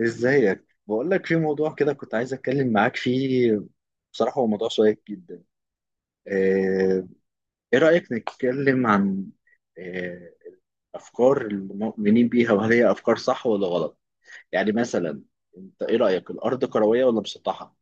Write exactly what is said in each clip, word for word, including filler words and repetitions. ازيك؟ بقول لك في موضوع كده كنت عايز اتكلم معاك فيه. بصراحة هو موضوع شيق جدا. آه، ايه رأيك نتكلم عن آه، افكار المؤمنين بيها وهل هي افكار صح ولا غلط؟ يعني مثلا انت ايه رأيك؟ الارض كروية ولا مسطحة؟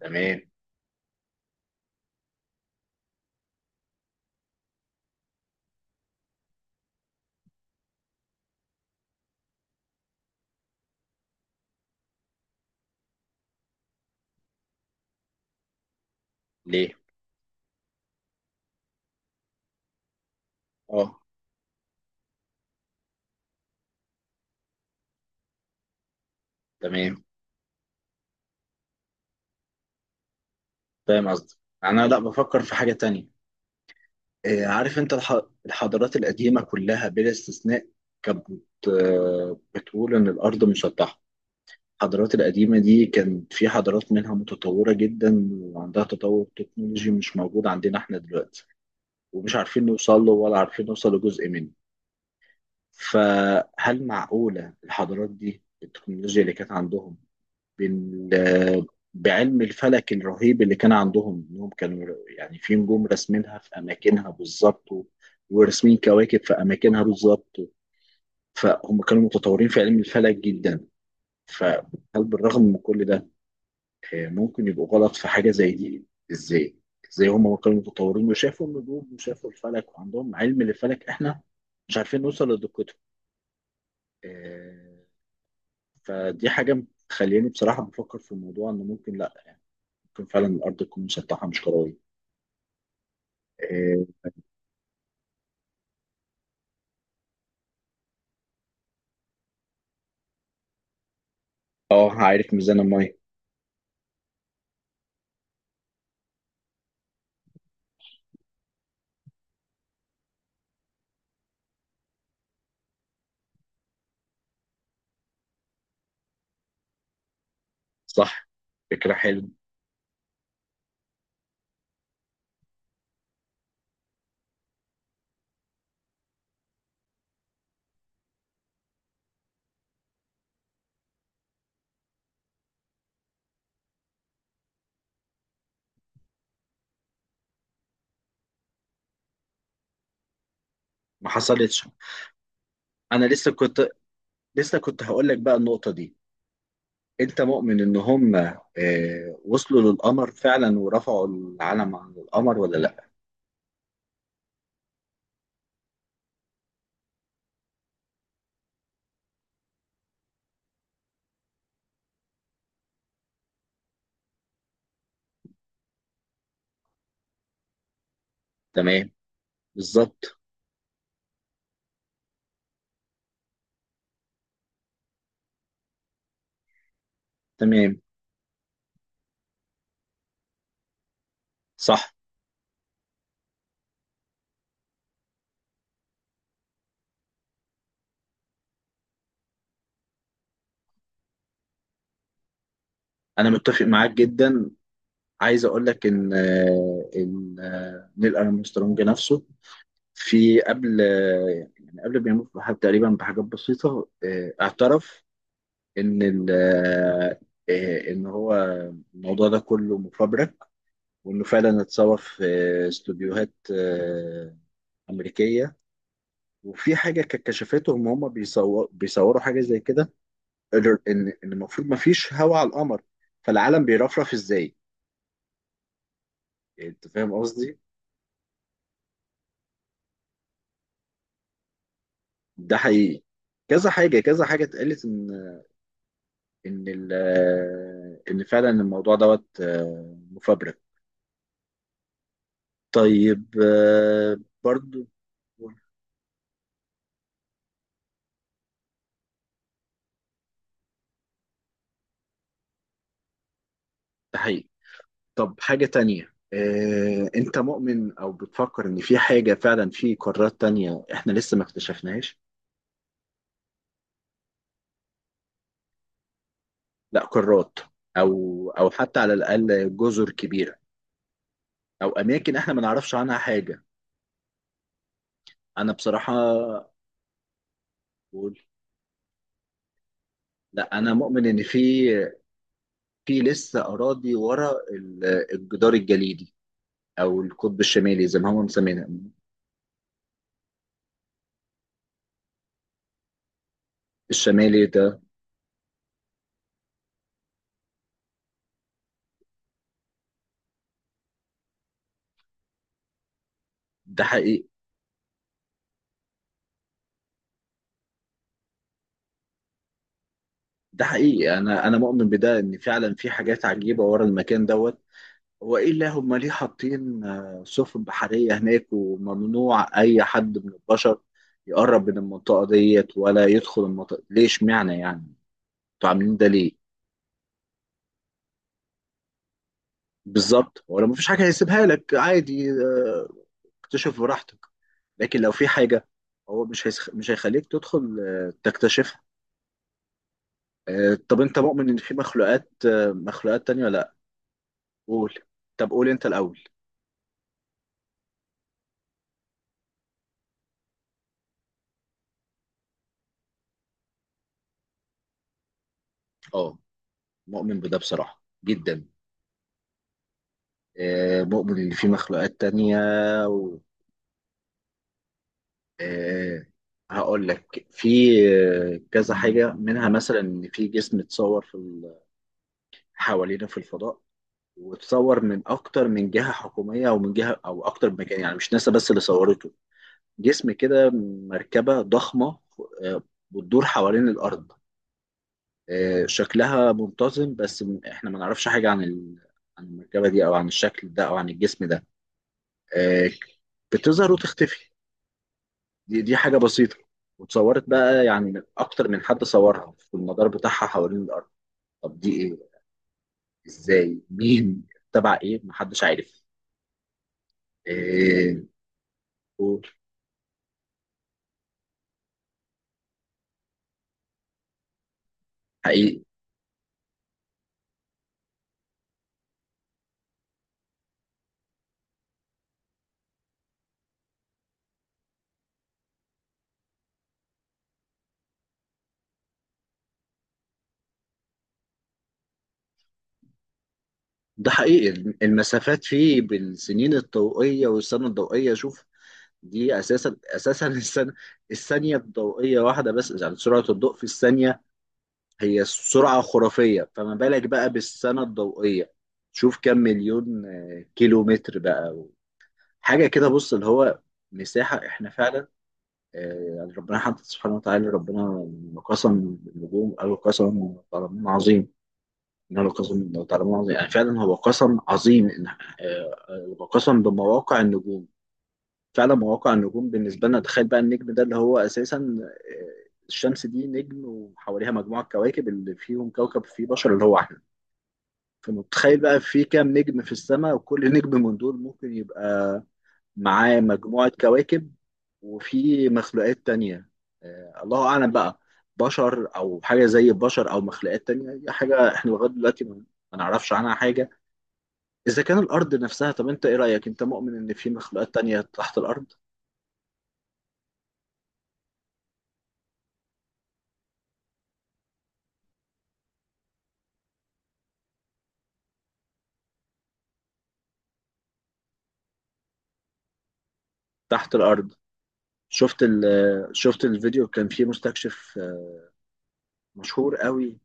تمام. ليه؟ اه. تمام. فاهم قصدي. انا لا، بفكر في حاجة تانية. آه، عارف انت الح- الحضارات القديمة كلها بلا استثناء كانت بت- آه، بتقول ان الارض مسطحة. الحضارات القديمة دي كان في حضارات منها متطورة جدا وعندها تطور تكنولوجي مش موجود عندنا احنا دلوقتي، ومش عارفين نوصل له ولا عارفين نوصل لجزء منه. فهل معقولة الحضارات دي، التكنولوجيا اللي كانت عندهم بال... بعلم الفلك الرهيب اللي كان عندهم، انهم كانوا يعني في نجوم راسمينها في اماكنها بالظبط و- وراسمين كواكب في اماكنها بالظبط؟ فهم كانوا متطورين في علم الفلك جدا. فهل بالرغم من كل ده آه، ممكن يبقوا غلط في حاجة زي دي؟ ازاي؟ ازاي هم كانوا متطورين وشافوا النجوم وشافوا الفلك وعندهم علم للفلك، احنا مش عارفين نوصل لدقته؟ آه، فدي حاجة مخليني بصراحة بفكر في الموضوع انه ممكن، لا يعني ممكن فعلا الارض تكون مسطحة مش كروية. اه. آه، عارف ميزان المية. صح. فكرة حلوة. ما حصلتش. انا لسه كنت لسه كنت هقول لك بقى النقطة دي. انت مؤمن ان هم آه، وصلوا للقمر فعلا ورفعوا العلم عن القمر ولا لا؟ تمام. بالظبط. تمام. صح. انا متفق معاك جدا. عايز اقول لك ان آه، ان آه، نيل ارمسترونج نفسه في قبل، آه، يعني قبل ما يموت بحاجة- تقريبا بحاجات بسيطه، آه، اعترف ان ال- آه، آه، ان هو الموضوع ده كله مفبرك. وانه فعلا اتصور في آه، استوديوهات آه، امريكيه. وفي حاجه كانت كشفتهم. هم بيصوروا بيصوروا حاجه زي كده. ال- ان ان المفروض ما فيش هواء على القمر، فالعالم بيرفرف ازاي؟ يعني انت فاهم قصدي. ده حقيقي. كذا حاجه كذا حاجه اتقالت ان ان ال- ان فعلا الموضوع دوت آه، مفبرك. طيب. آه، برضو. ده حقيقي. طب حاجه تانية، آه، انت مؤمن او بتفكر ان في حاجه فعلا، في قارات تانية احنا لسه ما اكتشفناهاش؟ لا، قارات، او او حتى على الاقل جزر كبيره، او اماكن احنا ما نعرفش عنها حاجه. انا بصراحه بقول، لا، انا مؤمن ان في في لسه اراضي ورا ال- الجدار الجليدي، او القطب الشمالي زي ما هم مسمينها. الشمالي ده. ده حقيقي. ده حقيقي. انا انا مؤمن بده ان فعلا في حاجات عجيبه ورا المكان دوت. هو ايه اللي هم ليه حاطين آه، سفن بحريه هناك وممنوع اي حد من البشر يقرب من المنطقه ديت ولا يدخل المنطقه؟ ليش معنى يعني انتوا عاملين ده ليه؟ بالظبط. هو لو مفيش حاجه هيسيبها لك عادي. آه، اكتشف براحتك. لكن لو في حاجه هو مش هيسخ... مش هيخليك تدخل آه، تكتشفها. آه، طب انت مؤمن ان في مخلوقات، آه، مخلوقات تانية ولا لا؟ قول. طب قول انت الاول. اه. مؤمن بده بصراحه جدا. آه، مؤمن ان في مخلوقات تانية. و... آه، هقول لك في آه، كذا حاجه منها. مثلا ان في جسم اتصور في ال- حوالينا في الفضاء، وتصور من اكتر من جهه حكوميه او من جهه او اكتر من مكان، يعني مش ناسا بس اللي صورته. جسم كده، مركبه ضخمه، آه، بتدور حوالين الارض. آه، شكلها منتظم بس م- احنا ما نعرفش حاجه عن ال- عن المركبه دي او عن الشكل ده او عن الجسم ده. آه، بتظهر وتختفي. دي دي حاجه بسيطه، وتصورت بقى يعني من اكتر من حد. صورها في المدار بتاعها حوالين الارض. طب دي ايه؟ ازاي؟ مين؟ تبع ايه؟ محدش عارف. آه، حقيقي. ده حقيقي. المسافات فيه بالسنين الضوئية، والسنة الضوئية، شوف، دي أساسا أساسا السنة الثانية الضوئية واحدة بس، يعني سرعة الضوء في الثانية هي سرعة خرافية، فما بالك بقى بالسنة الضوئية. شوف كم مليون آه، كيلو متر بقى و- حاجة كده. بص اللي هو مساحة. احنا فعلا آه، يعني ربنا حتى سبحانه وتعالى، ربنا لما قسم النجوم قالوا قسم تعلمون عظيم، إنه لقسم تعلمون عظيم. يعني فعلا هو قسم عظيم، قسم بمواقع النجوم. فعلا مواقع النجوم بالنسبه لنا. تخيل بقى النجم ده اللي هو اساسا، آه، الشمس دي نجم وحواليها مجموعه كواكب اللي فيهم كوكب فيه بشر اللي هو احنا. فمتخيل بقى في كام نجم في السماء، وكل نجم من دول ممكن يبقى معاه مجموعه كواكب وفي مخلوقات تانية. آه، الله اعلم بقى، بشر او حاجه زي البشر او مخلوقات تانية. دي حاجه احنا لغايه دلوقتي ما ما نعرفش عنها حاجه. إذا كان الأرض نفسها. طب أنت إيه رأيك؟ أنت مؤمن إن في مخلوقات تانية تحت الأرض؟ تحت الأرض. شفت ال شفت الفيديو كان فيه مستكشف آه، مشهور قوي.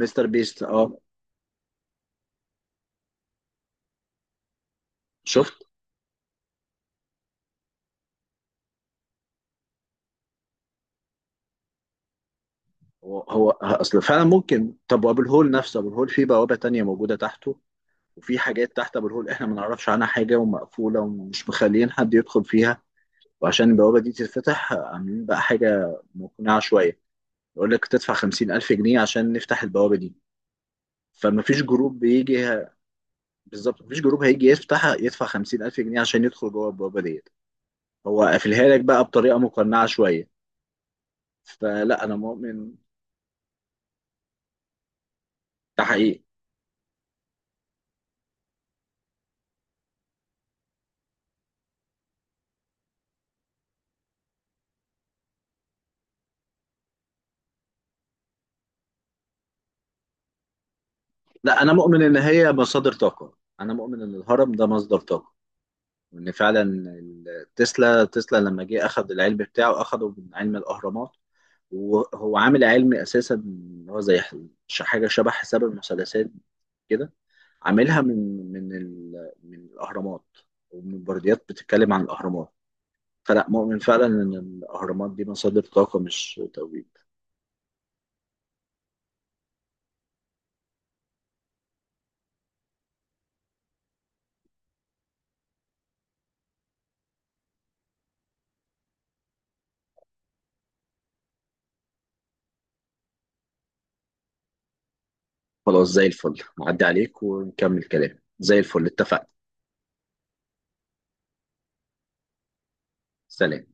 مستر بيست. أه. شفت؟ هو هو أصل فعلا ممكن. طب وأبو الهول نفسه. أبو الهول فيه بوابة تانية موجودة تحته، وفي حاجات تحت أبو الهول إحنا ما نعرفش عنها حاجة، ومقفولة ومش مخليين حد يدخل فيها. وعشان البوابة دي تتفتح عاملين بقى حاجة مقنعة شوية. يقول لك تدفع خمسين الف جنيه عشان نفتح البوابة دي. فما فيش جروب بيجي. بالظبط. مفيش جروب هيجي يفتح يدفع خمسين الف جنيه عشان يدخل جوه البوابه ديت. هو قافلها لك بقى بطريقه مقنعه شويه. فلا، انا مؤمن. ده حقيقي. لا، انا مؤمن ان هي مصادر طاقه. انا مؤمن ان الهرم ده مصدر طاقه، وان فعلا ال- تسلا تسلا لما جه اخذ العلم بتاعه اخذه من علم الاهرامات. وهو عامل علم اساسا اللي هو زي ح- ش- حاجه شبه حساب المثلثات كده. عاملها من من ال- من الاهرامات ومن برديات بتتكلم عن الاهرامات. فلا، مؤمن فعلا ان الاهرامات دي مصادر طاقه مش توجيه. خلاص، زي الفل. نعدي عليك ونكمل كلام زي الفل. اتفقنا. سلام.